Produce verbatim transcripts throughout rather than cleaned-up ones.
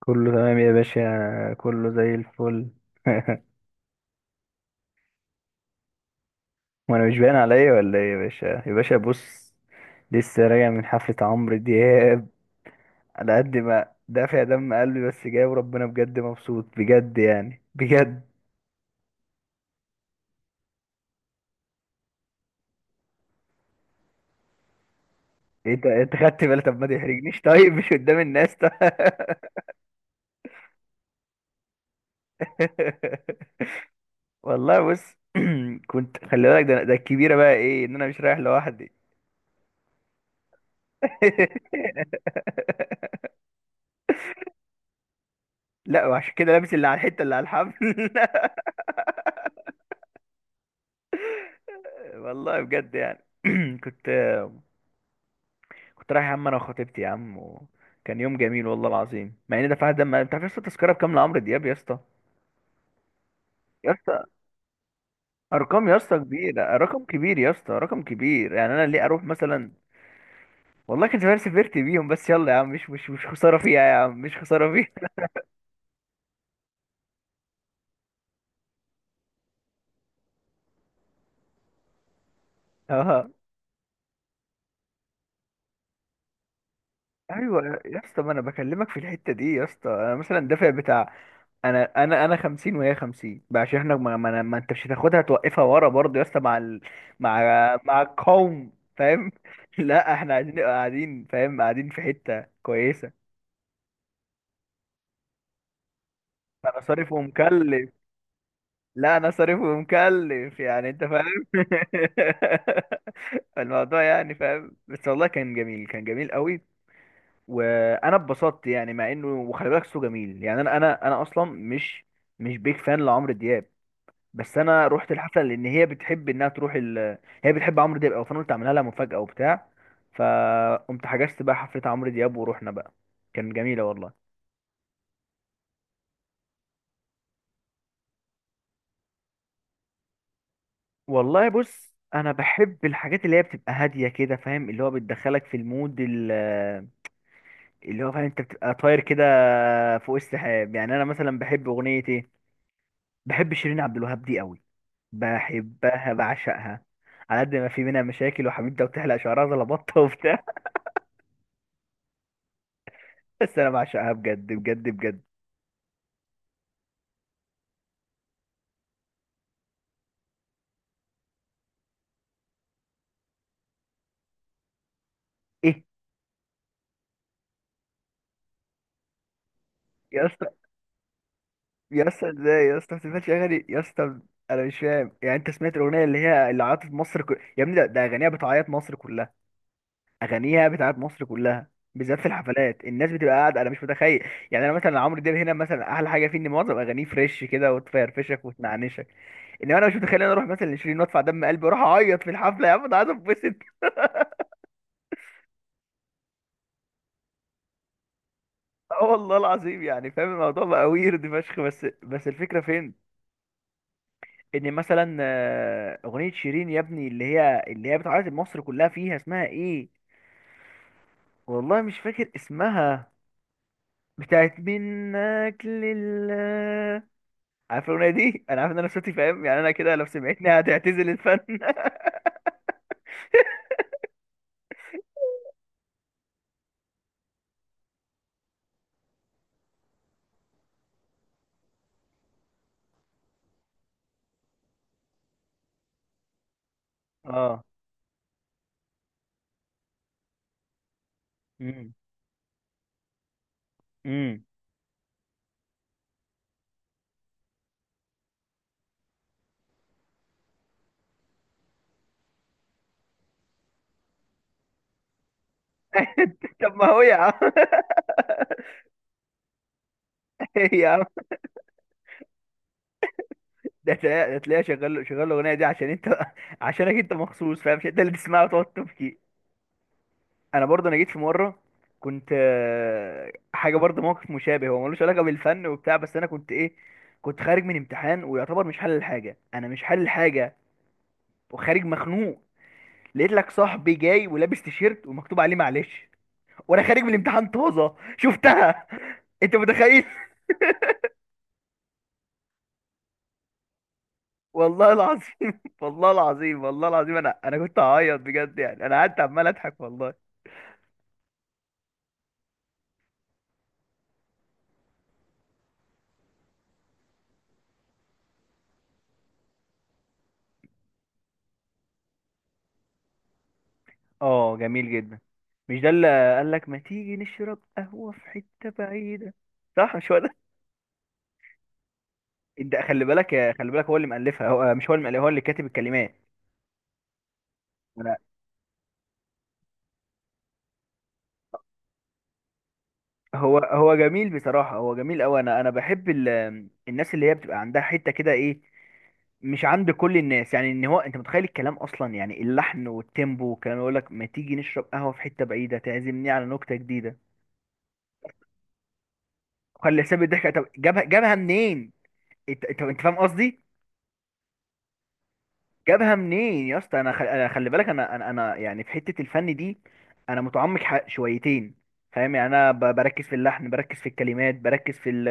كله تمام يا باشا، كله زي الفل. وانا مش باين عليا ولا ايه يا باشا؟ يا باشا بص، لسه راجع من حفلة عمرو دياب. على قد ما دافع دم قلبي بس جاي، وربنا بجد مبسوط بجد، يعني بجد. انت انت خدت بالك؟ طب ما تحرجنيش طيب، مش قدام الناس طيب. والله بص، كنت خلي بالك، ده ده الكبيرة بقى ايه؟ ان انا مش رايح لوحدي. لا، وعشان كده لابس اللي على الحتة اللي على الحفل. والله بجد يعني كنت كنت رايح يا عم، انا وخطيبتي يا عم، وكان يوم جميل والله العظيم. مع اني دفعت دم، انت عارف يا اسطى التذكره بكام لعمرو دياب يا اسطى؟ يا اسطى، ارقام يا اسطى كبيره، رقم كبير يا اسطى، رقم كبير. يعني انا ليه اروح مثلا؟ والله كان زمان سافرت بيهم. بس يلا يا عم، مش مش مش خساره فيها يا عم، مش خساره فيها. ايوه يا اسطى، ما انا بكلمك في الحته دي يا اسطى. انا مثلا دافع بتاع، انا انا انا خمسين وهي خمسين بقى، عشان احنا ما, ما, ما انت مش هتاخدها توقفها ورا برضه يا اسطى، مع ال... مع مع القوم، فاهم؟ لا، احنا عايزين نبقى قاعدين، فاهم، قاعدين في حته كويسه. انا صارف ومكلف، لا انا صارف ومكلف يعني، انت فاهم. الموضوع يعني فاهم. بس والله كان جميل، كان جميل قوي. وانا اتبسطت يعني، مع انه وخلي بالك صوته جميل يعني. انا انا انا اصلا مش مش بيك فان لعمرو دياب، بس انا رحت الحفله لان هي بتحب انها تروح ال... هي بتحب عمرو دياب، او فانا قلت اعملها لها مفاجاه وبتاع. فقمت حجزت بقى حفله عمرو دياب ورحنا بقى. كان جميله والله. والله بص، انا بحب الحاجات اللي هي بتبقى هاديه كده، فاهم، اللي هو بتدخلك في المود ال... اللي هو فاهم، انت بتبقى طاير كده فوق السحاب. يعني انا مثلا بحب اغنيه ايه؟ بحب شيرين عبد الوهاب دي قوي، بحبها بعشقها. على قد ما في منها مشاكل وحبيبتها بتحلق شعرها زي البطه وبتاع، بس انا بعشقها بجد بجد بجد. ايه؟ يا اسطى، يا اسطى ازاي يا اسطى ما بتسمعش اغاني يا اسطى؟ انا مش فاهم يعني. انت سمعت الاغنيه اللي هي اللي عيطت مصر كل...؟ يا ابني، ده, ده اغانيها بتعيط مصر كلها، اغانيها بتعيط مصر كلها، بالذات في الحفلات الناس بتبقى قاعده، انا مش متخيل. يعني انا مثلا عمرو دياب هنا، مثلا احلى حاجه فيه ان معظم اغانيه فريش كده وتفرفشك وتنعنشك. انما انا مش متخيل إن انا اروح مثلا لشيرين وادفع دم قلبي واروح اعيط في الحفله. يا عم انا عايز اتبسط. اه والله العظيم يعني، فاهم الموضوع بقى، ويرد فشخ. بس بس الفكره فين؟ ان مثلا آه، اغنيه شيرين يا ابني، اللي هي اللي هي بتعيط مصر كلها، فيها اسمها ايه؟ والله مش فاكر اسمها. بتاعت منك لله، عارف الاغنيه دي؟ انا عارف ان انا صوتي فاهم يعني، انا كده لو سمعتني هتعتزل الفن. اه. امم. امم. طب ما هو يا عم. يا عم، ده تلاقيها، ده تلاقيها شغال، شغال الاغنيه دي عشان انت، عشانك انت مخصوص، فاهم؟ مش انت اللي تسمعها وتقعد تبكي. انا برضه انا جيت في مره، كنت آه، حاجه برضه موقف مشابه، هو ملوش علاقه بالفن وبتاع، بس انا كنت ايه، كنت خارج من امتحان ويعتبر مش حل الحاجه، انا مش حل الحاجه، وخارج مخنوق. لقيت لك صاحبي جاي ولابس تيشيرت ومكتوب عليه معلش، وانا خارج من الامتحان طازه شفتها. انت متخيل؟ والله العظيم والله العظيم، والله العظيم انا انا كنت هعيط بجد يعني، انا قعدت عمال اضحك والله. اه جميل جدا. مش ده اللي قال لك ما تيجي نشرب قهوة في حتة بعيدة؟ صح مش هو ده؟ انت خلي بالك، خلي بالك، هو اللي مؤلفها، هو مش هو اللي مؤلفها، هو اللي كاتب الكلمات. انا. هو هو جميل بصراحة، هو جميل قوي. انا انا بحب ال... الناس اللي هي بتبقى عندها حتة كده ايه، مش عند كل الناس يعني. ان هو انت متخيل الكلام اصلا يعني، اللحن والتيمبو والكلام، يقول لك ما تيجي نشرب قهوة في حتة بعيدة تعزمني على نكتة جديدة. خلي حساب الضحكة. طب جابها، جابها منين؟ انت انت انت فاهم قصدي، جابها منين يا اسطى؟ انا خل... انا خلي بالك، انا انا انا يعني في حته الفن دي انا متعمق ح- شويتين، فاهم يعني. انا ب... بركز في اللحن، بركز في الكلمات، بركز في ال...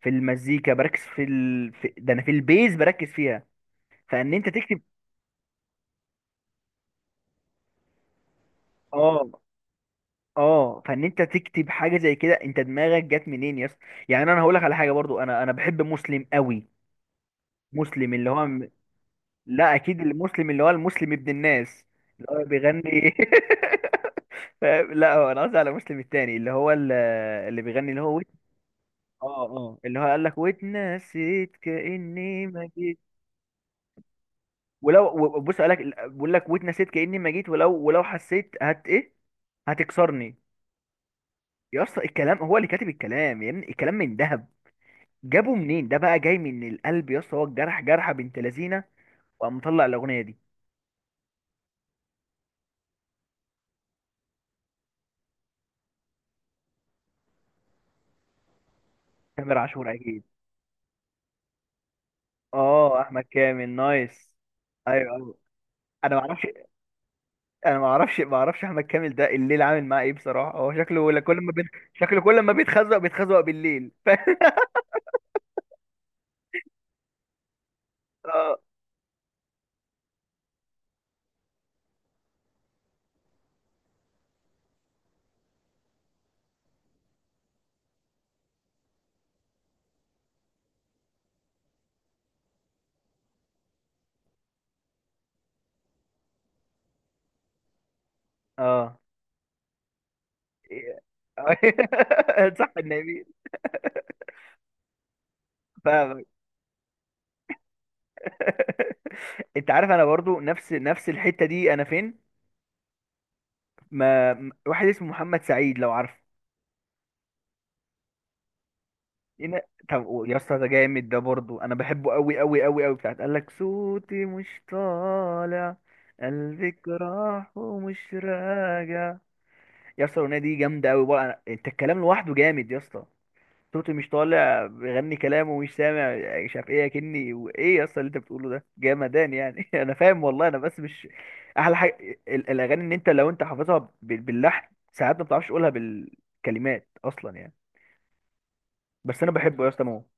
في المزيكا، بركز في ال... في... ده انا في البيز بركز فيها. فان انت تكتب. اه. اه. فان انت تكتب حاجه زي كده، انت دماغك جت منين يا اسطى؟ يعني انا هقول لك على حاجه برضو، انا انا بحب مسلم قوي. مسلم اللي هو م-، لا اكيد المسلم اللي هو المسلم ابن الناس، اللي هو بيغني. ف- لا، هو انا قصدي على مسلم التاني اللي هو ال- اللي بيغني اللي هو ويت. اه اه، اللي هو قال لك واتنسيت كاني ما جيت ولو. و- بص، قال لك بقول لك واتنسيت كاني ما جيت ولو، ولو حسيت هت ايه، هتكسرني. يا اسطى الكلام، هو اللي كاتب الكلام يا ابني، الكلام من ذهب، جابه منين ده بقى؟ جاي من القلب يا اسطى، هو الجرح جرحه بنت لذينه، وقام مطلع الاغنيه دي. تامر عاشور اكيد. اه احمد كامل نايس. ايوه ايوه. انا ما اعرفش، انا ما اعرفش ما اعرفش احمد كامل ده الليل عامل معاه ايه بصراحه، هو شكله ولا كل ما بيت... شكله كل ما بيتخزق بيتخزق بالليل. ف... اه. اه. صح النبي. فاهمك. انت عارف انا برضو نفس نفس الحته دي انا فين؟ ما م- واحد اسمه محمد سعيد، لو عارفه. هنا. طب و- يا اسطى ده جامد، ده برضو انا بحبه قوي قوي قوي قوي، بتاعت قال لك صوتي مش طالع، قلبك راح ومش راجع. يا اسطى الاغنيه دي جامده قوي بقى. أنا... انت الكلام لوحده جامد يا اسطى، صوته مش طالع، بيغني كلامه ومش سامع يعني، مش عارف ايه اكني وايه، يا اسطى اللي انت بتقوله ده جامدان يعني. انا فاهم والله، انا بس مش. احلى حاجه ال- الاغاني ان انت لو انت حافظها بال- باللحن، ساعات ما بتعرفش تقولها بالكلمات اصلا يعني. بس انا بحبه يا اسطى مو.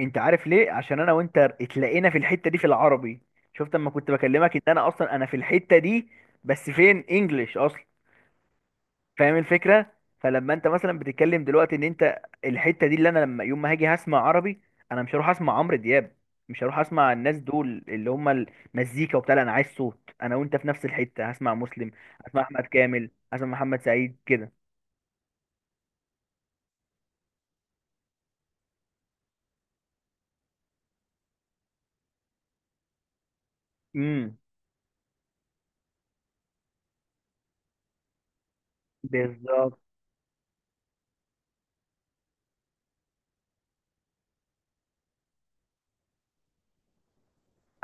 انت عارف ليه؟ عشان انا وانت اتلاقينا في الحته دي في العربي. شفت اما كنت بكلمك ان انا اصلا انا في الحته دي، بس فين انجلش اصلا، فاهم الفكره؟ فلما انت مثلا بتتكلم دلوقتي ان انت الحته دي، اللي انا لما يوم ما هاجي هسمع عربي، انا مش هروح اسمع عمرو دياب، مش هروح اسمع الناس دول اللي هم المزيكا وبتاع، لا، انا عايز صوت. انا وانت في نفس الحته، هسمع مسلم، هسمع احمد كامل، هسمع محمد سعيد كده. امم. بالظبط.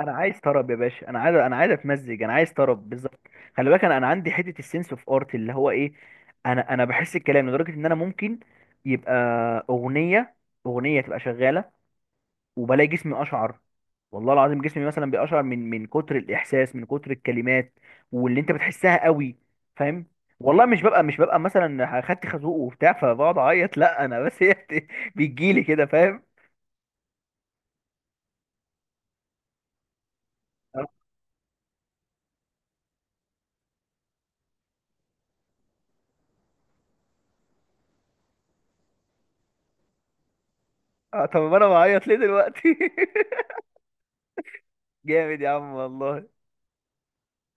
انا عايز طرب يا باشا، انا عايز، انا عايز اتمزج، انا عايز طرب بالظبط. خلي بالك انا، انا عندي حته السنس اوف ارت اللي هو ايه، انا انا بحس الكلام لدرجه ان انا ممكن يبقى اغنيه، اغنيه تبقى شغاله وبلاقي جسمي اشعر، والله العظيم جسمي مثلا بيقشعر من من كتر الاحساس، من كتر الكلمات، واللي انت بتحسها قوي، فاهم؟ والله مش ببقى مش ببقى مثلا خدت خازوق وبتاع فبقعد اعيط، لا، انا بس هي بت- بتجيلي كده، فاهم؟ آه، طب انا بعيط ليه دلوقتي؟ جامد يا عم والله.